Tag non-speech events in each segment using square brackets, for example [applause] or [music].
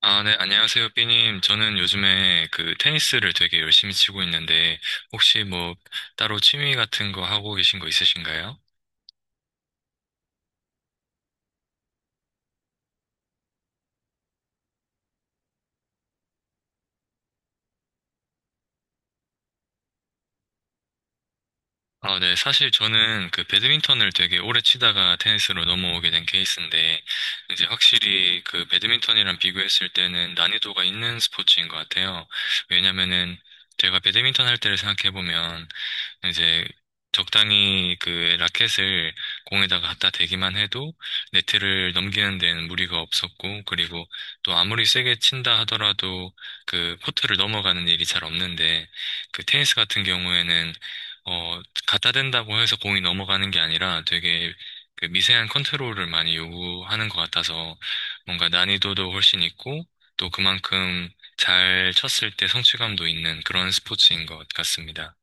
아, 네, 안녕하세요, 삐님. 저는 요즘에 그 테니스를 되게 열심히 치고 있는데, 혹시 뭐 따로 취미 같은 거 하고 계신 거 있으신가요? 아, 네, 사실 저는 그 배드민턴을 되게 오래 치다가 테니스로 넘어오게 된 케이스인데, 이제 확실히 그 배드민턴이랑 비교했을 때는 난이도가 있는 스포츠인 것 같아요. 왜냐면은 제가 배드민턴 할 때를 생각해보면 이제 적당히 그 라켓을 공에다가 갖다 대기만 해도 네트를 넘기는 데는 무리가 없었고, 그리고 또 아무리 세게 친다 하더라도 그 코트를 넘어가는 일이 잘 없는데, 그 테니스 같은 경우에는 어, 갖다 댄다고 해서 공이 넘어가는 게 아니라 되게 그 미세한 컨트롤을 많이 요구하는 것 같아서 뭔가 난이도도 훨씬 있고, 또 그만큼 잘 쳤을 때 성취감도 있는 그런 스포츠인 것 같습니다.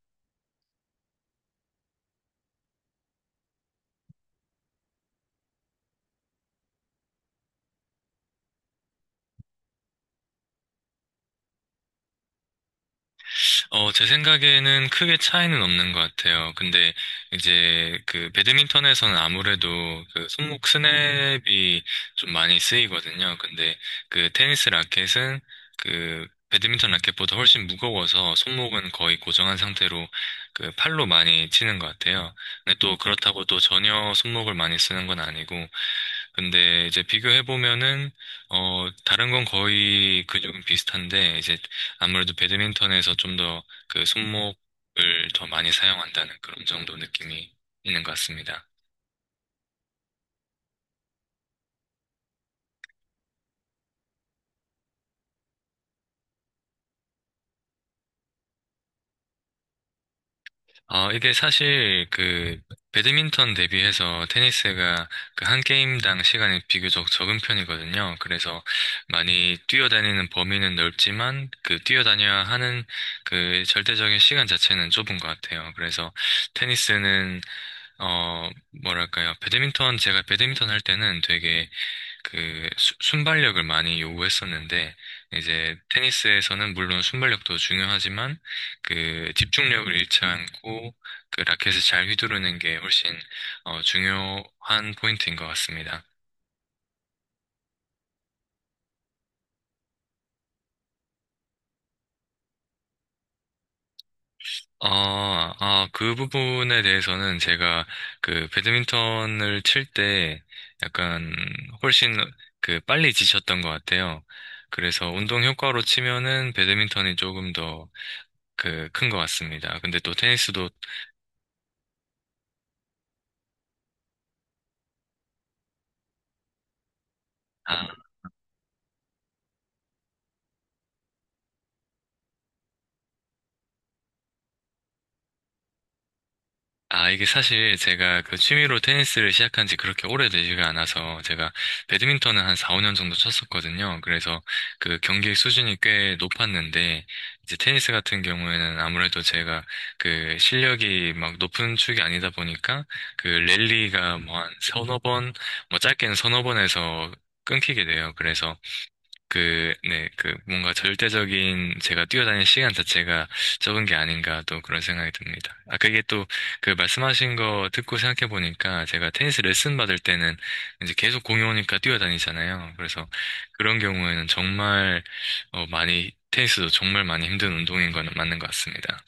어, 제 생각에는 크게 차이는 없는 것 같아요. 근데 이제 그 배드민턴에서는 아무래도 그 손목 스냅이 좀 많이 쓰이거든요. 근데 그 테니스 라켓은 그 배드민턴 라켓보다 훨씬 무거워서 손목은 거의 고정한 상태로 그 팔로 많이 치는 것 같아요. 근데 또 그렇다고 또 전혀 손목을 많이 쓰는 건 아니고 근데 이제 비교해보면은, 다른 건 거의 근육은 비슷한데, 이제 아무래도 배드민턴에서 좀 더 그 손목을 더 많이 사용한다는 그런 정도 느낌이 있는 것 같습니다. 어, 이게 사실 그 배드민턴 대비해서 테니스가 그 한 게임당 시간이 비교적 적은 편이거든요. 그래서 많이 뛰어다니는 범위는 넓지만 그 뛰어다녀야 하는 그 절대적인 시간 자체는 좁은 것 같아요. 그래서 테니스는 어, 뭐랄까요. 배드민턴, 제가 배드민턴 할 때는 되게 순발력을 많이 요구했었는데, 이제 테니스에서는 물론 순발력도 중요하지만, 그 집중력을 잃지 않고, 그 라켓을 잘 휘두르는 게 훨씬, 중요한 포인트인 것 같습니다. 아, 그 부분에 대해서는 제가 그 배드민턴을 칠 때 약간 훨씬 그 빨리 지쳤던 것 같아요. 그래서 운동 효과로 치면은 배드민턴이 조금 더 그 큰 것 같습니다. 근데 또 테니스도 아, 아, 이게 사실 제가 그 취미로 테니스를 시작한 지 그렇게 오래되지가 않아서 제가 배드민턴은 한 4, 5년 정도 쳤었거든요. 그래서 그 경기 수준이 꽤 높았는데 이제 테니스 같은 경우에는 아무래도 제가 그 실력이 막 높은 축이 아니다 보니까 그 랠리가 뭐 한 서너 번, 뭐 짧게는 서너 번에서 끊기게 돼요. 그래서 네, 뭔가 절대적인 제가 뛰어다니는 시간 자체가 적은 게 아닌가 또 그런 생각이 듭니다. 아, 그게 또 그 말씀하신 거 듣고 생각해 보니까 제가 테니스 레슨 받을 때는 이제 계속 공이 오니까 뛰어다니잖아요. 그래서 그런 경우에는 정말, 많이, 테니스도 정말 많이 힘든 운동인 거는 맞는 것 같습니다.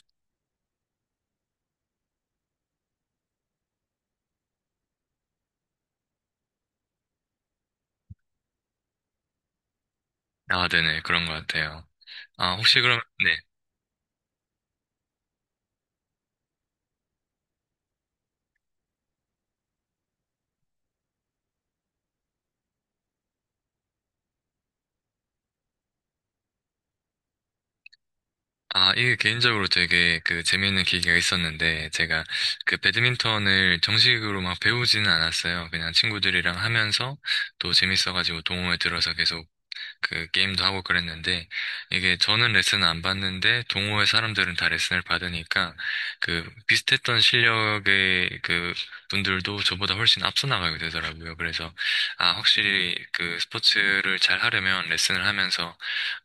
아, 네네, 그런 것 같아요. 아, 혹시 그럼, 아, 이게 개인적으로 되게 그 재미있는 계기가 있었는데, 제가 그 배드민턴을 정식으로 막 배우지는 않았어요. 그냥 친구들이랑 하면서 또 재밌어가지고 동호회 들어서 계속 그 게임도 하고 그랬는데 이게 저는 레슨을 안 받는데 동호회 사람들은 다 레슨을 받으니까 그 비슷했던 실력의 그 분들도 저보다 훨씬 앞서 나가게 되더라고요. 그래서 아 확실히 그 스포츠를 잘 하려면 레슨을 하면서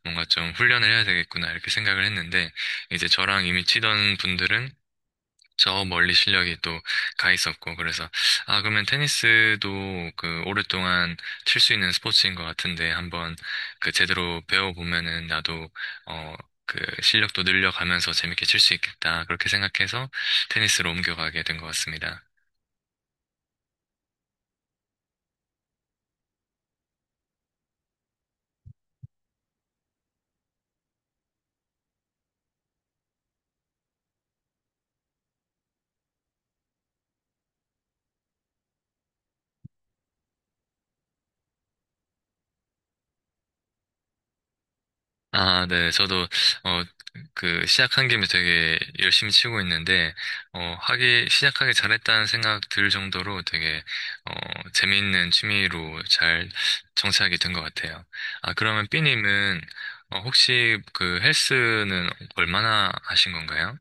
뭔가 좀 훈련을 해야 되겠구나 이렇게 생각을 했는데 이제 저랑 이미 치던 분들은 저 멀리 실력이 또 가 있었고 그래서 아 그러면 테니스도 그 오랫동안 칠 수 있는 스포츠인 것 같은데 한번 그 제대로 배워보면은 나도 어 그 실력도 늘려가면서 재밌게 칠 수 있겠다 그렇게 생각해서 테니스로 옮겨가게 된 것 같습니다. 아, 네. 저도, 어, 그, 시작한 김에 되게 열심히 치고 있는데, 어, 시작하기 잘했다는 생각 들 정도로 되게, 어, 재미있는 취미로 잘 정착이 된 것 같아요. 아, 그러면 삐님은, 어, 혹시 그 헬스는 얼마나 하신 건가요?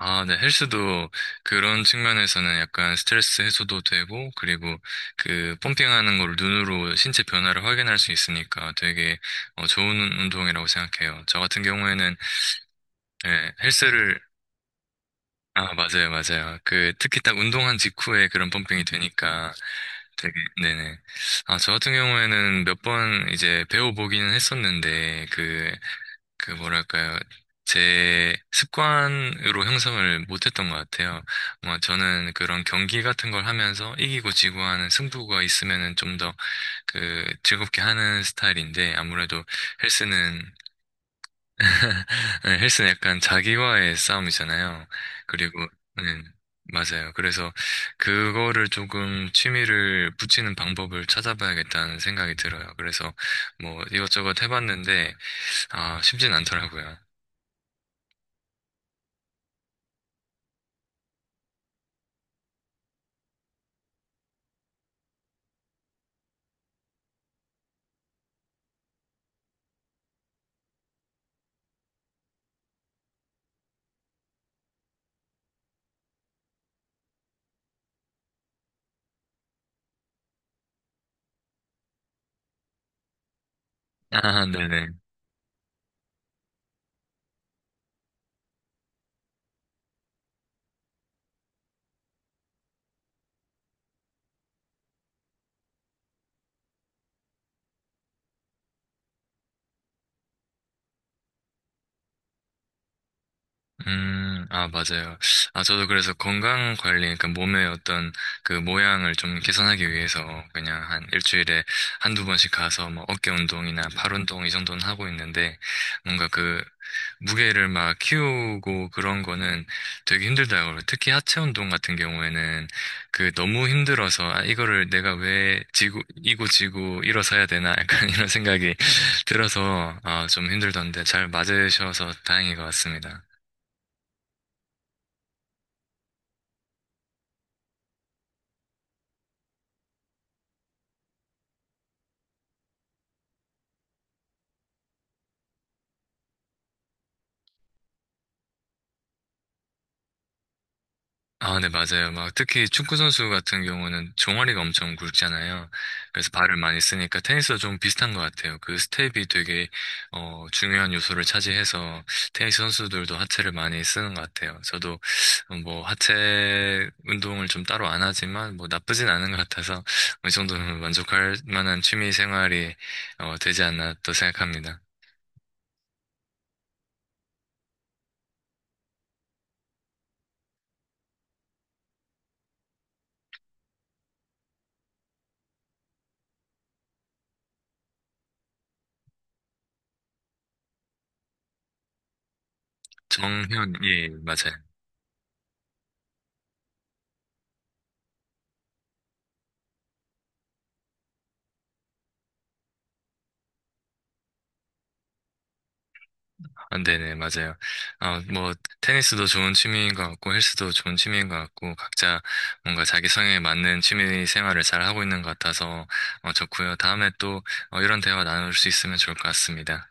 아, 네. 헬스도 그런 측면에서는 약간 스트레스 해소도 되고, 그리고 그 펌핑하는 걸 눈으로 신체 변화를 확인할 수 있으니까 되게 좋은 운동이라고 생각해요. 저 같은 경우에는 예, 헬스를, 아, 맞아요, 맞아요. 그 특히 딱 운동한 직후에 그런 펌핑이 되니까 되게, 네네. 아, 저 같은 경우에는 몇 번 이제 배워보기는 했었는데, 그 뭐랄까요. 제 습관으로 형성을 못했던 것 같아요. 뭐 저는 그런 경기 같은 걸 하면서 이기고 지고 하는 승부가 있으면은 좀 더 그 즐겁게 하는 스타일인데 아무래도 헬스는 [laughs] 네, 헬스는 약간 자기와의 싸움이잖아요. 그리고 네, 맞아요. 그래서 그거를 조금 취미를 붙이는 방법을 찾아봐야겠다는 생각이 들어요. 그래서 뭐 이것저것 해봤는데 아 쉽진 않더라고요. 아, 네네. 아, 맞아요. 아, 저도 그래서 건강 관리, 그러니까 몸의 어떤 그 모양을 좀 개선하기 위해서 그냥 한 일주일에 한두 번씩 가서 뭐 어깨 운동이나 팔 운동 이 정도는 하고 있는데 뭔가 그 무게를 막 키우고 그런 거는 되게 힘들다고. 특히 하체 운동 같은 경우에는 그 너무 힘들어서 아, 이거를 내가 왜 지고, 이고 지고 일어서야 되나 약간 [laughs] 이런 생각이 들어서 아, 좀 힘들던데 잘 맞으셔서 다행인 것 같습니다. 아, 네, 맞아요. 막 특히 축구 선수 같은 경우는 종아리가 엄청 굵잖아요. 그래서 발을 많이 쓰니까 테니스도 좀 비슷한 것 같아요. 그 스텝이 되게 중요한 요소를 차지해서 테니스 선수들도 하체를 많이 쓰는 것 같아요. 저도 뭐 하체 운동을 좀 따로 안 하지만 뭐 나쁘진 않은 것 같아서 어느 정도는 만족할 만한 취미 생활이 되지 않나 또 생각합니다. 정현, 예, 맞아요. 아, 네네, 맞아요. 아, 뭐, 테니스도 좋은 취미인 것 같고, 헬스도 좋은 취미인 것 같고, 각자 뭔가 자기 성향에 맞는 취미 생활을 잘 하고 있는 것 같아서, 어, 좋고요. 다음에 또, 이런 대화 나눌 수 있으면 좋을 것 같습니다.